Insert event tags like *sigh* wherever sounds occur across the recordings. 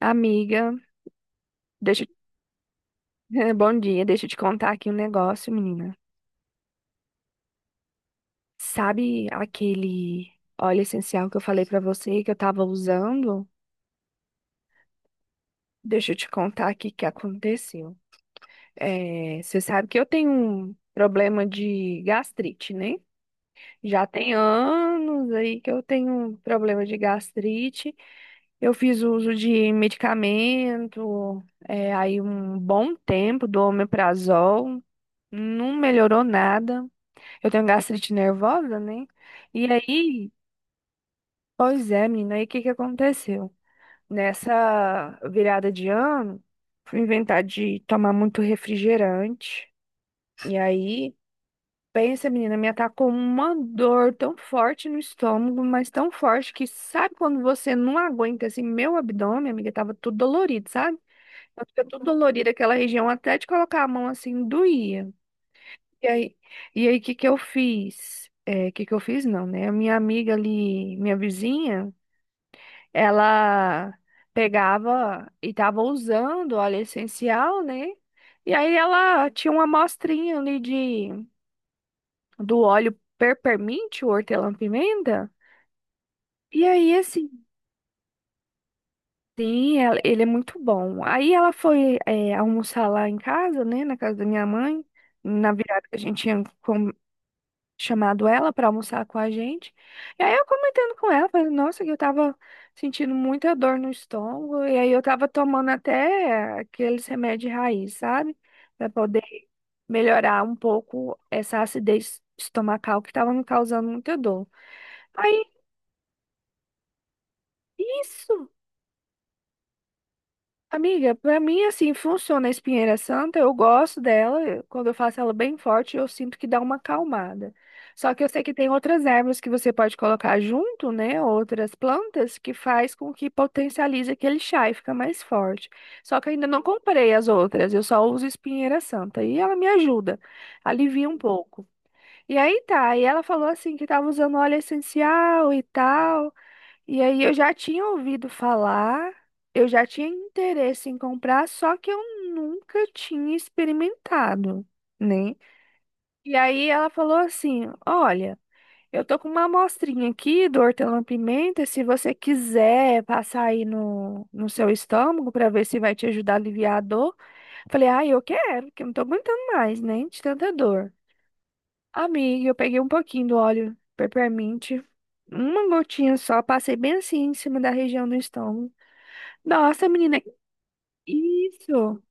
Amiga, deixa, *laughs* bom dia, deixa eu te contar aqui um negócio, menina. Sabe aquele óleo essencial que eu falei pra você que eu tava usando? Deixa eu te contar aqui o que aconteceu. Você sabe que eu tenho um problema de gastrite, né? Já tem anos aí que eu tenho um problema de gastrite. Eu fiz uso de medicamento, aí um bom tempo do omeprazol, não melhorou nada. Eu tenho gastrite nervosa, né? E aí, pois é, menina, aí o que que aconteceu? Nessa virada de ano, fui inventar de tomar muito refrigerante. E aí, pensa, menina, me atacou uma dor tão forte no estômago, mas tão forte que sabe quando você não aguenta, assim, meu abdômen, amiga, tava tudo dolorido, sabe? Então, fica tudo dolorido aquela região, até de colocar a mão assim, doía. E aí, e aí, que eu fiz? Que eu fiz? Não, né? A minha amiga ali, minha vizinha, ela pegava e tava usando óleo essencial, né? E aí ela tinha uma amostrinha ali de, do óleo peppermint, o hortelã-pimenta. E aí, esse sim, ele é muito bom. Aí ela foi, almoçar lá em casa, né? Na casa da minha mãe, na virada que a gente tinha chamado ela para almoçar com a gente. E aí eu comentando com ela, falei, nossa, que eu tava sentindo muita dor no estômago, e aí eu tava tomando até aqueles remédios raiz, sabe? Para poder melhorar um pouco essa acidez estomacal que tava me causando muita dor. Aí, isso! Amiga, pra mim assim funciona a espinheira santa, eu gosto dela, quando eu faço ela bem forte, eu sinto que dá uma acalmada. Só que eu sei que tem outras ervas que você pode colocar junto, né, outras plantas que faz com que potencialize aquele chá e fica mais forte. Só que eu ainda não comprei as outras, eu só uso espinheira santa e ela me ajuda, alivia um pouco. E aí tá, e ela falou assim que tava usando óleo essencial e tal. E aí eu já tinha ouvido falar, eu já tinha interesse em comprar, só que eu nunca tinha experimentado, né? E aí ela falou assim: "Olha, eu tô com uma amostrinha aqui do hortelã-pimenta, se você quiser passar aí no seu estômago para ver se vai te ajudar a aliviar a dor". Falei: "Ah, eu quero, porque eu não tô aguentando mais, né, de tanta dor". Amiga, eu peguei um pouquinho do óleo peppermint, uma gotinha só, passei bem assim em cima da região do estômago. Nossa, menina, isso.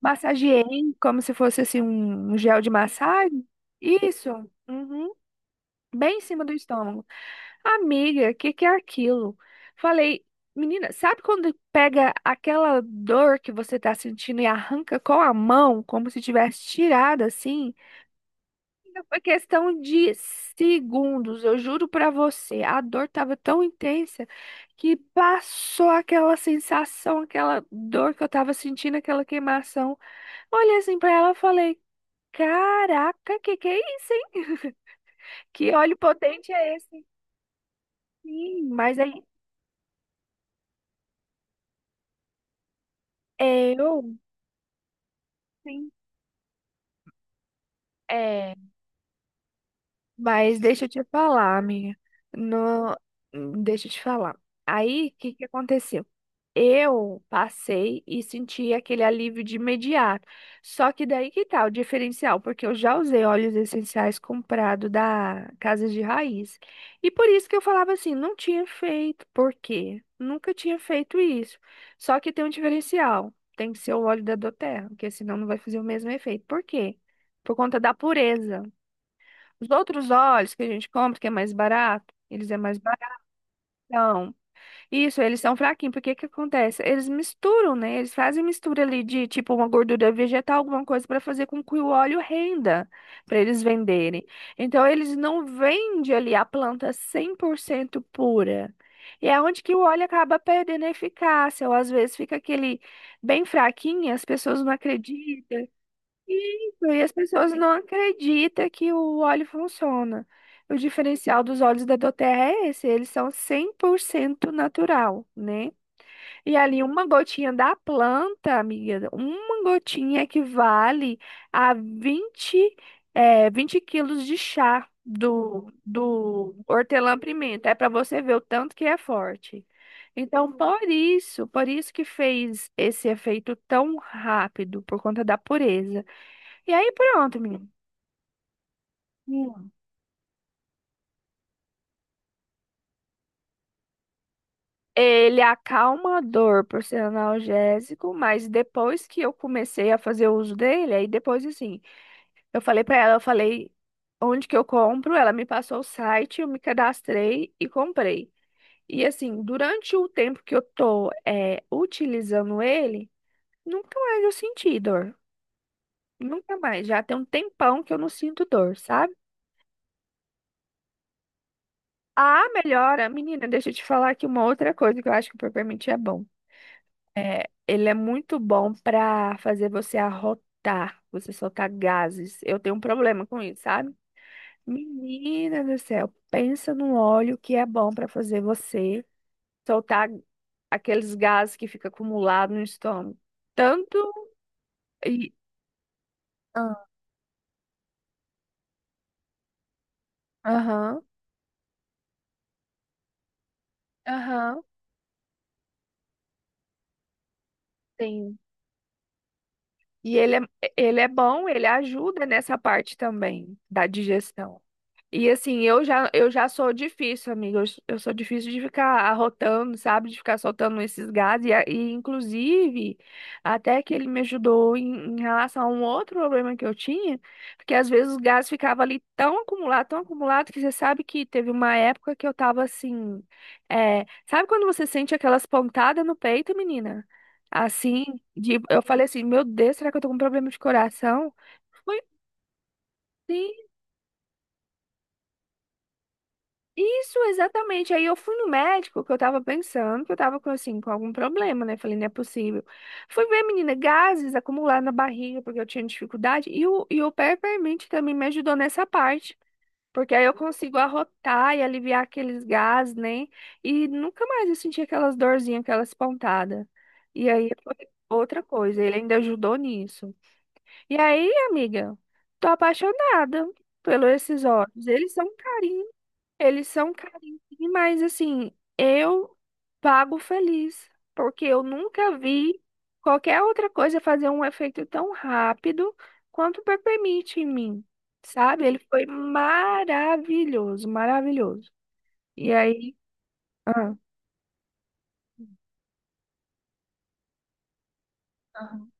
Massageei como se fosse assim um gel de massagem. Isso. Uhum. Bem em cima do estômago. Amiga, o que que é aquilo? Falei, menina, sabe quando pega aquela dor que você tá sentindo e arranca com a mão, como se tivesse tirado assim? Foi questão de segundos, eu juro pra você. A dor tava tão intensa que passou aquela sensação, aquela dor que eu tava sentindo, aquela queimação. Olhei assim pra ela e falei: caraca, que é isso, hein? *laughs* Que óleo potente é esse? Sim, mas aí eu, sim, é. Mas deixa eu te falar, amiga. No... Deixa eu te falar. Aí, o que que aconteceu? Eu passei e senti aquele alívio de imediato. Só que daí que tá o diferencial, porque eu já usei óleos essenciais comprado da casas de Raiz. E por isso que eu falava assim, não tinha feito. Por quê? Nunca tinha feito isso. Só que tem um diferencial. Tem que ser o óleo da Doterra, porque senão não vai fazer o mesmo efeito. Por quê? Por conta da pureza. Os outros óleos que a gente compra, que é mais barato, eles é mais baratão. Isso, eles são fraquinhos, porque que acontece? Eles misturam, né? Eles fazem mistura ali de tipo uma gordura vegetal, alguma coisa para fazer com que o óleo renda, para eles venderem. Então, eles não vendem ali a planta 100% pura. E é onde que o óleo acaba perdendo a eficácia, ou às vezes fica aquele bem fraquinho, as pessoas não acreditam, e as pessoas não acreditam que o óleo funciona. O diferencial dos óleos da Doterra é esse, eles são 100% natural, né? E ali uma gotinha da planta, amiga, uma gotinha equivale a vinte quilos de chá do hortelã-pimenta. É para você ver o tanto que é forte. Então, por isso que fez esse efeito tão rápido, por conta da pureza. E aí pronto, menino. Hum. Ele acalma a dor por ser analgésico, mas depois que eu comecei a fazer uso dele, aí depois assim, eu falei pra ela, eu falei onde que eu compro, ela me passou o site, eu me cadastrei e comprei. E assim, durante o tempo que eu tô utilizando ele, nunca mais eu senti dor. Nunca mais. Já tem um tempão que eu não sinto dor, sabe? A melhora, menina, deixa eu te falar aqui uma outra coisa que eu acho que o Peppermint é bom. É, ele é muito bom para fazer você arrotar, você soltar gases. Eu tenho um problema com isso, sabe? Menina do céu, pensa no óleo que é bom para fazer você soltar aqueles gases que fica acumulado no estômago. Tanto e ah, aham, aham, sim. E ele é bom, ele ajuda nessa parte também da digestão. E assim, eu já sou difícil, amiga. Eu, eu sou difícil de ficar arrotando, sabe? De ficar soltando esses gases. E, e, inclusive, até que ele me ajudou em relação a um outro problema que eu tinha, porque às vezes os gases ficavam ali tão acumulado, que você sabe que teve uma época que eu tava assim. É, sabe quando você sente aquelas pontadas no peito, menina? Assim, de, eu falei assim, meu Deus, será que eu tô com um problema de coração? Foi sim. Isso, exatamente. Aí eu fui no médico, que eu tava pensando que eu tava com, assim, com algum problema, né? Falei, não é possível. Fui ver, menina, gases acumulados na barriga, porque eu tinha dificuldade. E o Peppermint também me ajudou nessa parte. Porque aí eu consigo arrotar e aliviar aqueles gases, né? E nunca mais eu senti aquelas dorzinhas, aquelas pontadas. E aí foi outra coisa, ele ainda ajudou nisso. E aí, amiga, tô apaixonada pelos esses olhos. Eles são carinhos. Eles são carinhos, mas assim, eu pago feliz, porque eu nunca vi qualquer outra coisa fazer um efeito tão rápido quanto o Peppermint em mim, sabe? Ele foi maravilhoso, maravilhoso. E aí, ah, aham.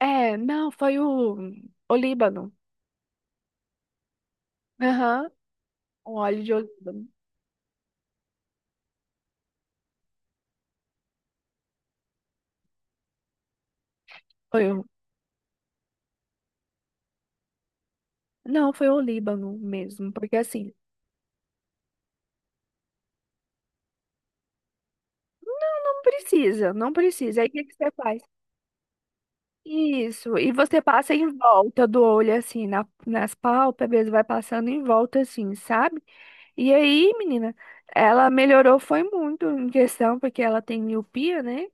É, não, foi o Olíbano. Aham, o óleo de Olíbano. Foi o... Não, foi o líbano mesmo, porque assim, não precisa, não precisa. Aí o que que você faz? Isso, e você passa em volta do olho, assim, nas pálpebras, vai passando em volta, assim, sabe? E aí, menina, ela melhorou, foi muito em questão, porque ela tem miopia, né?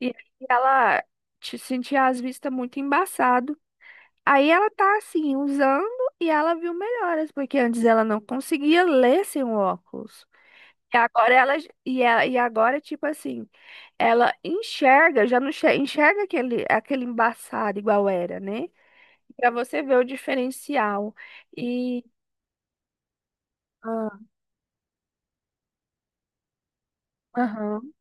E aí ela te sentia as vistas muito embaçado. Aí ela tá, assim, usando e ela viu melhoras, porque antes ela não conseguia ler sem o óculos. E agora ela, e agora, tipo assim, ela enxerga, já não enxerga aquele, aquele embaçado igual era, né? Para você ver o diferencial. E. Ah, aham.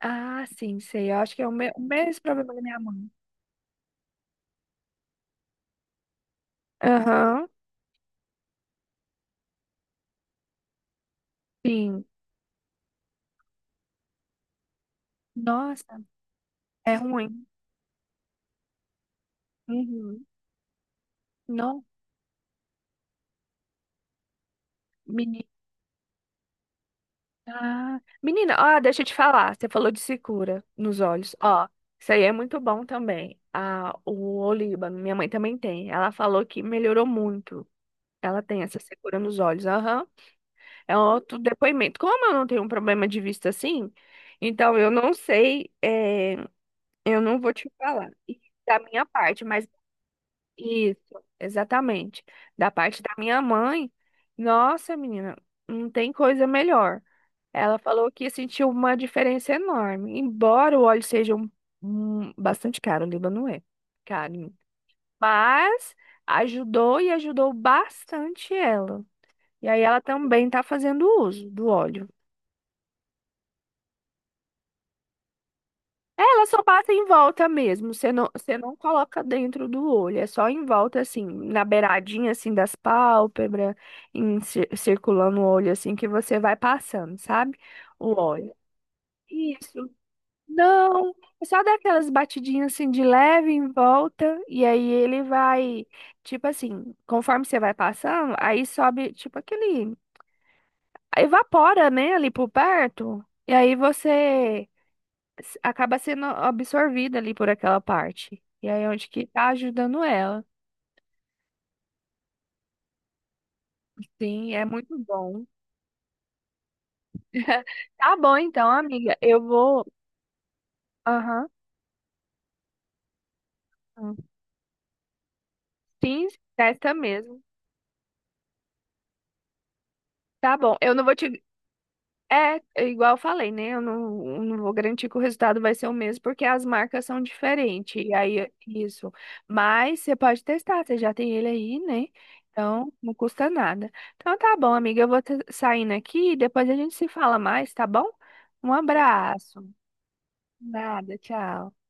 Ah, sim, sei. Eu acho que é o, o mesmo problema da minha mãe. Aham. Sim. Nossa, é ruim. Uhum. Não, menina. Ah, menina, ó, deixa eu te falar. Você falou de secura nos olhos. Ó, isso aí é muito bom também. Ah, o Olíbano, minha mãe também tem. Ela falou que melhorou muito. Ela tem essa secura nos olhos. Aham. É um outro depoimento. Como eu não tenho um problema de vista assim, então eu não sei, eu não vou te falar E da minha parte, mas isso, exatamente. Da parte da minha mãe, nossa, menina, não tem coisa melhor. Ela falou que sentiu uma diferença enorme, embora o óleo seja um, bastante caro, o Líbano é caro, mas ajudou e ajudou bastante ela. E aí ela também está fazendo uso do óleo. É, ela só passa em volta mesmo, você não coloca dentro do olho, é só em volta, assim, na beiradinha, assim, das pálpebras, em, circulando o olho, assim, que você vai passando, sabe? O óleo. Isso. Não, é só dar aquelas batidinhas, assim, de leve em volta, e aí ele vai, tipo assim, conforme você vai passando, aí sobe, tipo, aquele... Evapora, né, ali por perto, e aí você acaba sendo absorvida ali por aquela parte. E aí, é onde que tá ajudando ela. Sim, é muito bom. *laughs* Tá bom, então, amiga. Eu vou. Aham. Sim, testa mesmo. Tá bom. Eu não vou te É, é igual eu falei, né? Eu não vou garantir que o resultado vai ser o mesmo, porque as marcas são diferentes. E aí, é isso. Mas você pode testar, você já tem ele aí, né? Então, não custa nada. Então, tá bom, amiga. Eu vou saindo aqui e depois a gente se fala mais, tá bom? Um abraço. Nada, tchau.